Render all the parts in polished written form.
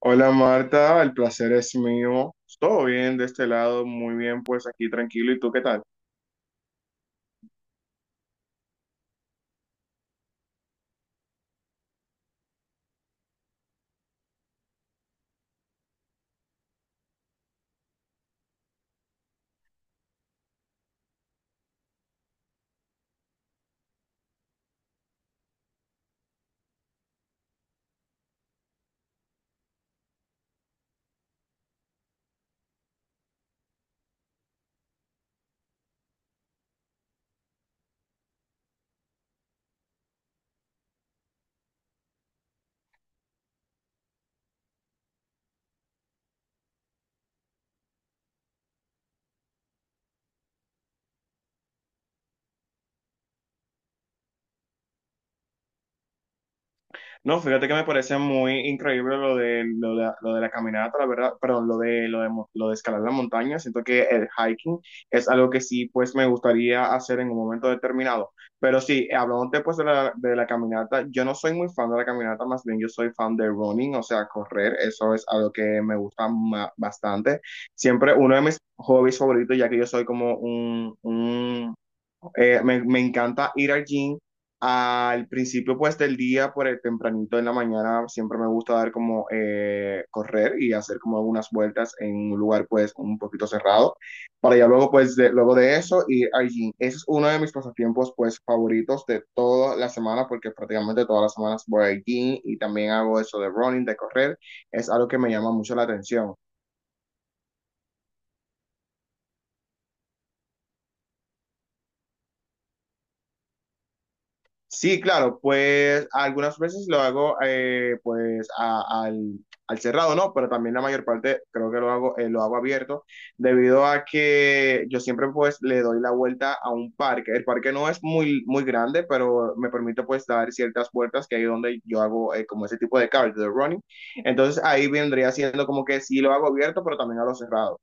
Hola Marta, el placer es mío. Todo bien de este lado, muy bien, pues aquí tranquilo. ¿Y tú qué tal? No, fíjate que me parece muy increíble lo de, lo de la caminata, la verdad, perdón, lo de escalar la montaña. Siento que el hiking es algo que sí, pues me gustaría hacer en un momento determinado. Pero sí, hablando pues de la caminata, yo no soy muy fan de la caminata, más bien yo soy fan de running, o sea, correr, eso es algo que me gusta bastante. Siempre uno de mis hobbies favoritos, ya que yo soy como un me encanta ir al gym al principio pues del día, por el tempranito en la mañana, siempre me gusta dar como correr y hacer como algunas vueltas en un lugar pues un poquito cerrado, para ya luego pues luego de eso ir al gym. Ese es uno de mis pasatiempos pues favoritos de toda la semana porque prácticamente todas las semanas voy al gym y también hago eso de running, de correr, es algo que me llama mucho la atención. Sí, claro, pues algunas veces lo hago pues al, al cerrado, ¿no? Pero también la mayor parte creo que lo hago abierto, debido a que yo siempre pues le doy la vuelta a un parque. El parque no es muy grande, pero me permite pues dar ciertas vueltas que hay donde yo hago como ese tipo de cardio, de running. Entonces ahí vendría siendo como que sí lo hago abierto, pero también a lo cerrado.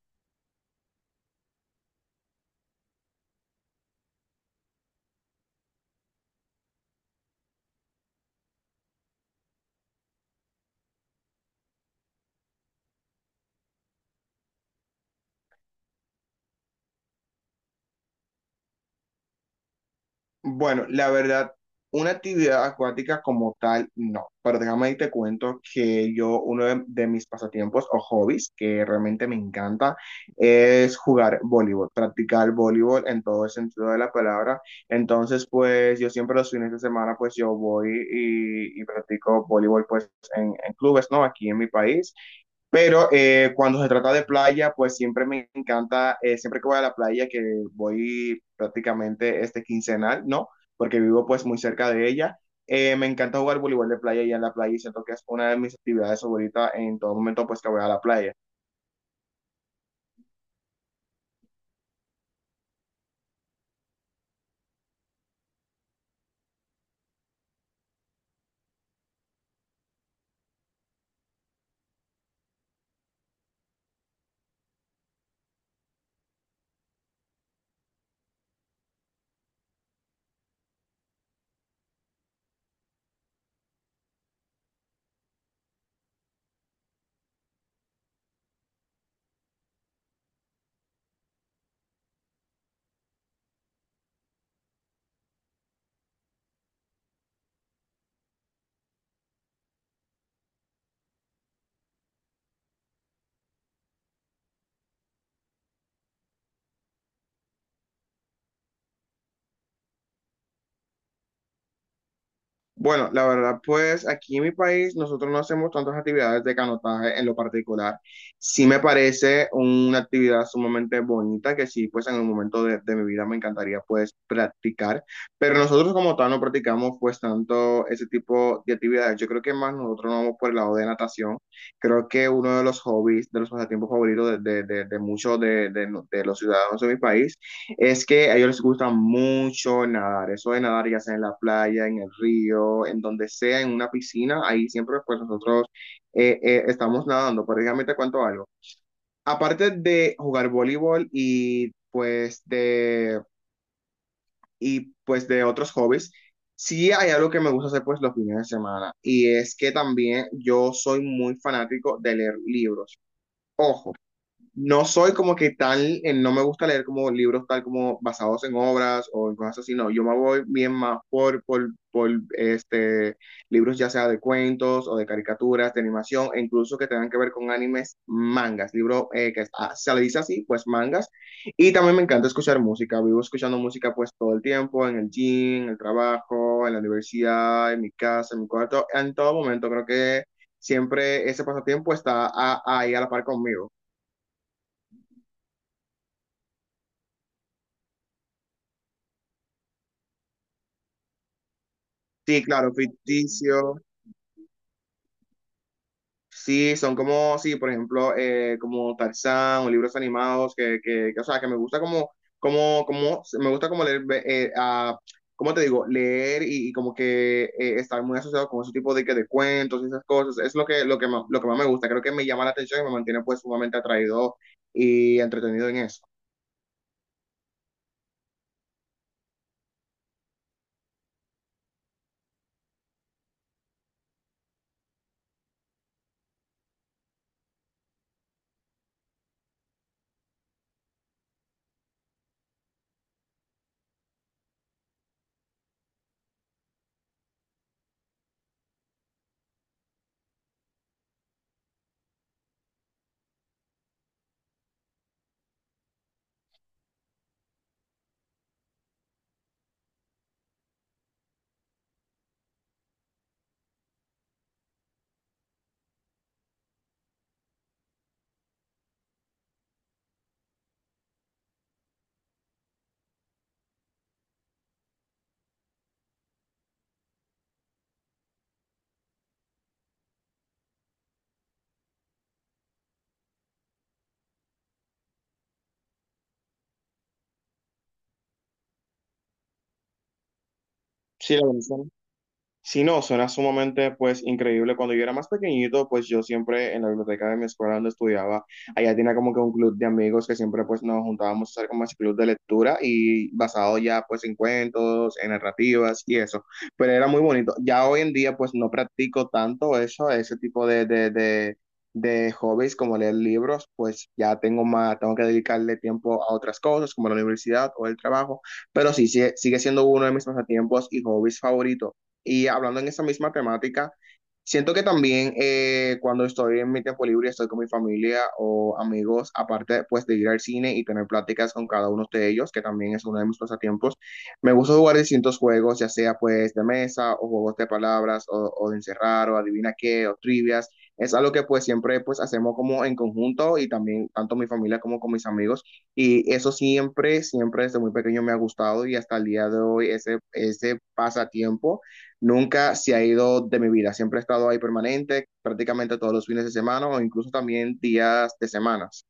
Bueno, la verdad, una actividad acuática como tal, no. Pero déjame y te cuento que yo, uno de mis pasatiempos o hobbies que realmente me encanta es jugar voleibol, practicar voleibol en todo el sentido de la palabra. Entonces, pues yo siempre los fines de semana, pues yo voy y practico voleibol, pues en clubes, ¿no? Aquí en mi país. Pero cuando se trata de playa, pues siempre me encanta, siempre que voy a la playa, que voy prácticamente este quincenal, ¿no? Porque vivo pues muy cerca de ella. Me encanta jugar voleibol de playa y en la playa y siento que es una de mis actividades favoritas en todo momento pues que voy a la playa. Bueno, la verdad, pues aquí en mi país nosotros no hacemos tantas actividades de canotaje en lo particular. Sí me parece una actividad sumamente bonita que sí, pues en un momento de mi vida me encantaría pues practicar, pero nosotros como tal no practicamos pues tanto ese tipo de actividades. Yo creo que más nosotros nos vamos por el lado de natación. Creo que uno de los hobbies, de los pasatiempos favoritos de muchos de los ciudadanos de mi país es que a ellos les gusta mucho nadar, eso de nadar ya sea en la playa, en el río, en donde sea, en una piscina, ahí siempre pues nosotros estamos nadando, prácticamente cuanto algo. Aparte de jugar voleibol y pues pues, de otros hobbies, sí hay algo que me gusta hacer pues los fines de semana y es que también yo soy muy fanático de leer libros. Ojo no soy como que tan, no me gusta leer como libros tal como basados en obras o en cosas así, no, yo me voy bien más por este, libros ya sea de cuentos o de caricaturas, de animación, e incluso que tengan que ver con animes, mangas, libro se le dice así, pues mangas, y también me encanta escuchar música, vivo escuchando música pues todo el tiempo, en el gym, en el trabajo, en la universidad, en mi casa, en mi cuarto, en todo momento, creo que siempre ese pasatiempo está ahí a la par conmigo. Sí, claro, ficticio. Sí, son como, sí, por ejemplo, como Tarzán o libros animados que, o sea, que me gusta como, me gusta como leer, ¿cómo te digo? Leer y como que estar muy asociado con ese tipo de, que de cuentos y esas cosas. Es lo que, lo que más me gusta. Creo que me llama la atención y me mantiene pues sumamente atraído y entretenido en eso. Sí, la verdad. Si no, suena sumamente pues increíble. Cuando yo era más pequeñito, pues yo siempre en la biblioteca de mi escuela donde estudiaba, allá tenía como que un club de amigos que siempre pues nos juntábamos a hacer como ese club de lectura y basado ya pues en cuentos, en narrativas y eso. Pero era muy bonito. Ya hoy en día pues no practico tanto eso, ese tipo de hobbies como leer libros, pues ya tengo más, tengo que dedicarle tiempo a otras cosas como la universidad o el trabajo. Pero sí, sigue siendo uno de mis pasatiempos y hobbies favoritos. Y hablando en esa misma temática, siento que también cuando estoy en mi tiempo libre, estoy con mi familia o amigos, aparte pues de ir al cine y tener pláticas con cada uno de ellos, que también es uno de mis pasatiempos, me gusta jugar distintos juegos, ya sea pues de mesa o juegos de palabras o de encerrar o adivina qué o trivias. Es algo que pues siempre pues hacemos como en conjunto y también tanto mi familia como con mis amigos. Y eso siempre, siempre desde muy pequeño me ha gustado y hasta el día de hoy ese, ese pasatiempo nunca se ha ido de mi vida. Siempre he estado ahí permanente, prácticamente todos los fines de semana o incluso también días de semanas.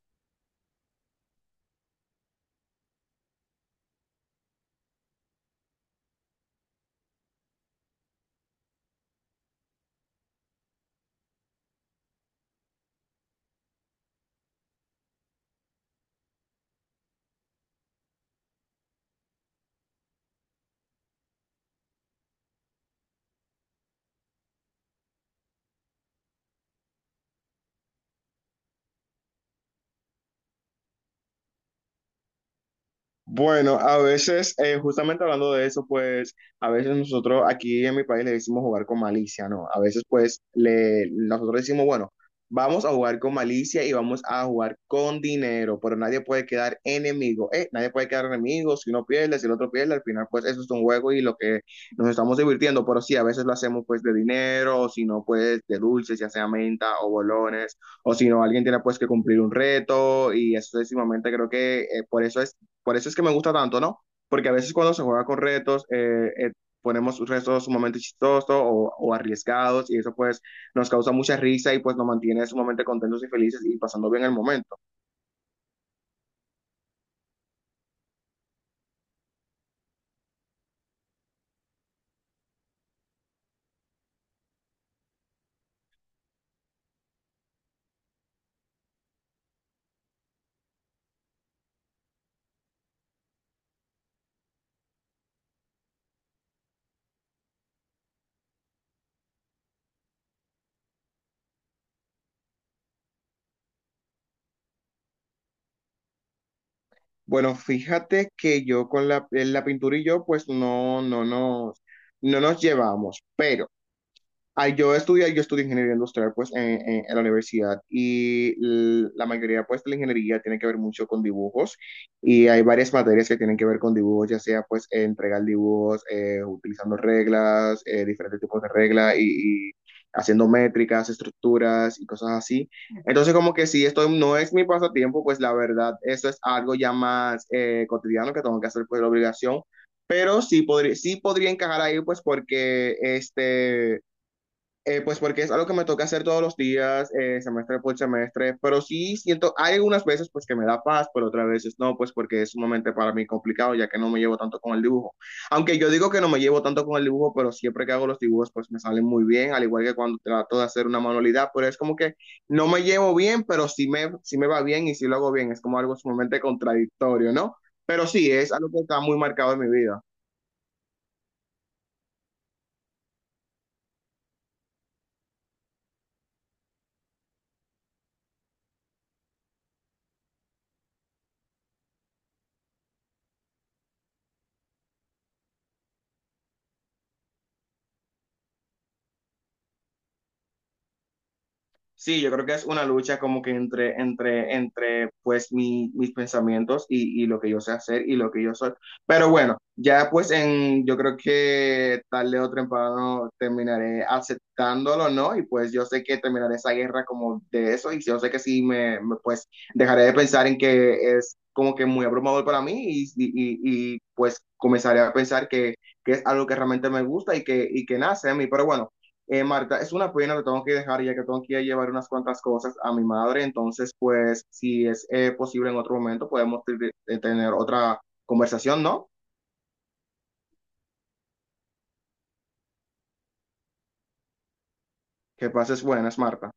Bueno, a veces, justamente hablando de eso, pues a veces nosotros aquí en mi país le decimos jugar con malicia, ¿no? A veces pues le, nosotros decimos, bueno, vamos a jugar con malicia y vamos a jugar con dinero, pero nadie puede quedar enemigo, ¿eh? Nadie puede quedar enemigo, si uno pierde, si el otro pierde, al final pues eso es un juego y lo que nos estamos divirtiendo, pero sí, a veces lo hacemos pues de dinero, o si no pues de dulces, ya sea menta o bolones, o si no alguien tiene pues que cumplir un reto y eso es sumamente creo que por eso es que me gusta tanto, ¿no? Porque a veces cuando se juega con retos, ponemos retos sumamente chistosos o arriesgados y eso pues nos causa mucha risa y pues nos mantiene sumamente contentos y felices y pasando bien el momento. Bueno, fíjate que yo con la, la pintura y yo pues no nos, no nos llevamos, pero... Ay, yo estudié ingeniería industrial pues en, en la universidad y la mayoría pues de la ingeniería tiene que ver mucho con dibujos y hay varias materias que tienen que ver con dibujos, ya sea pues entregar dibujos utilizando reglas, diferentes tipos de reglas y haciendo métricas, estructuras y cosas así. Entonces como que si esto no es mi pasatiempo, pues la verdad eso es algo ya más cotidiano que tengo que hacer pues la obligación, pero sí, podría encajar ahí pues porque este... Pues porque es algo que me toca hacer todos los días, semestre por semestre, pero sí siento, hay algunas veces pues que me da paz, pero otras veces no, pues porque es sumamente para mí complicado, ya que no me llevo tanto con el dibujo. Aunque yo digo que no me llevo tanto con el dibujo, pero siempre que hago los dibujos pues me salen muy bien, al igual que cuando trato de hacer una manualidad, pero es como que no me llevo bien, pero sí me va bien y sí lo hago bien, es como algo sumamente contradictorio, ¿no? Pero sí, es algo que está muy marcado en mi vida. Sí, yo creo que es una lucha como que entre pues mis pensamientos y lo que yo sé hacer y lo que yo soy. Pero bueno, ya pues en, yo creo que tarde o temprano terminaré aceptándolo, ¿no? Y pues yo sé que terminaré esa guerra como de eso y yo sé que sí pues dejaré de pensar en que es como que muy abrumador para mí y, pues comenzaré a pensar que es algo que realmente me gusta y que nace a mí. Pero bueno. Marta, es una pena, te tengo que dejar ya que tengo que ir a llevar unas cuantas cosas a mi madre, entonces pues si es posible en otro momento podemos tener otra conversación, ¿no? Que pases buenas, Marta.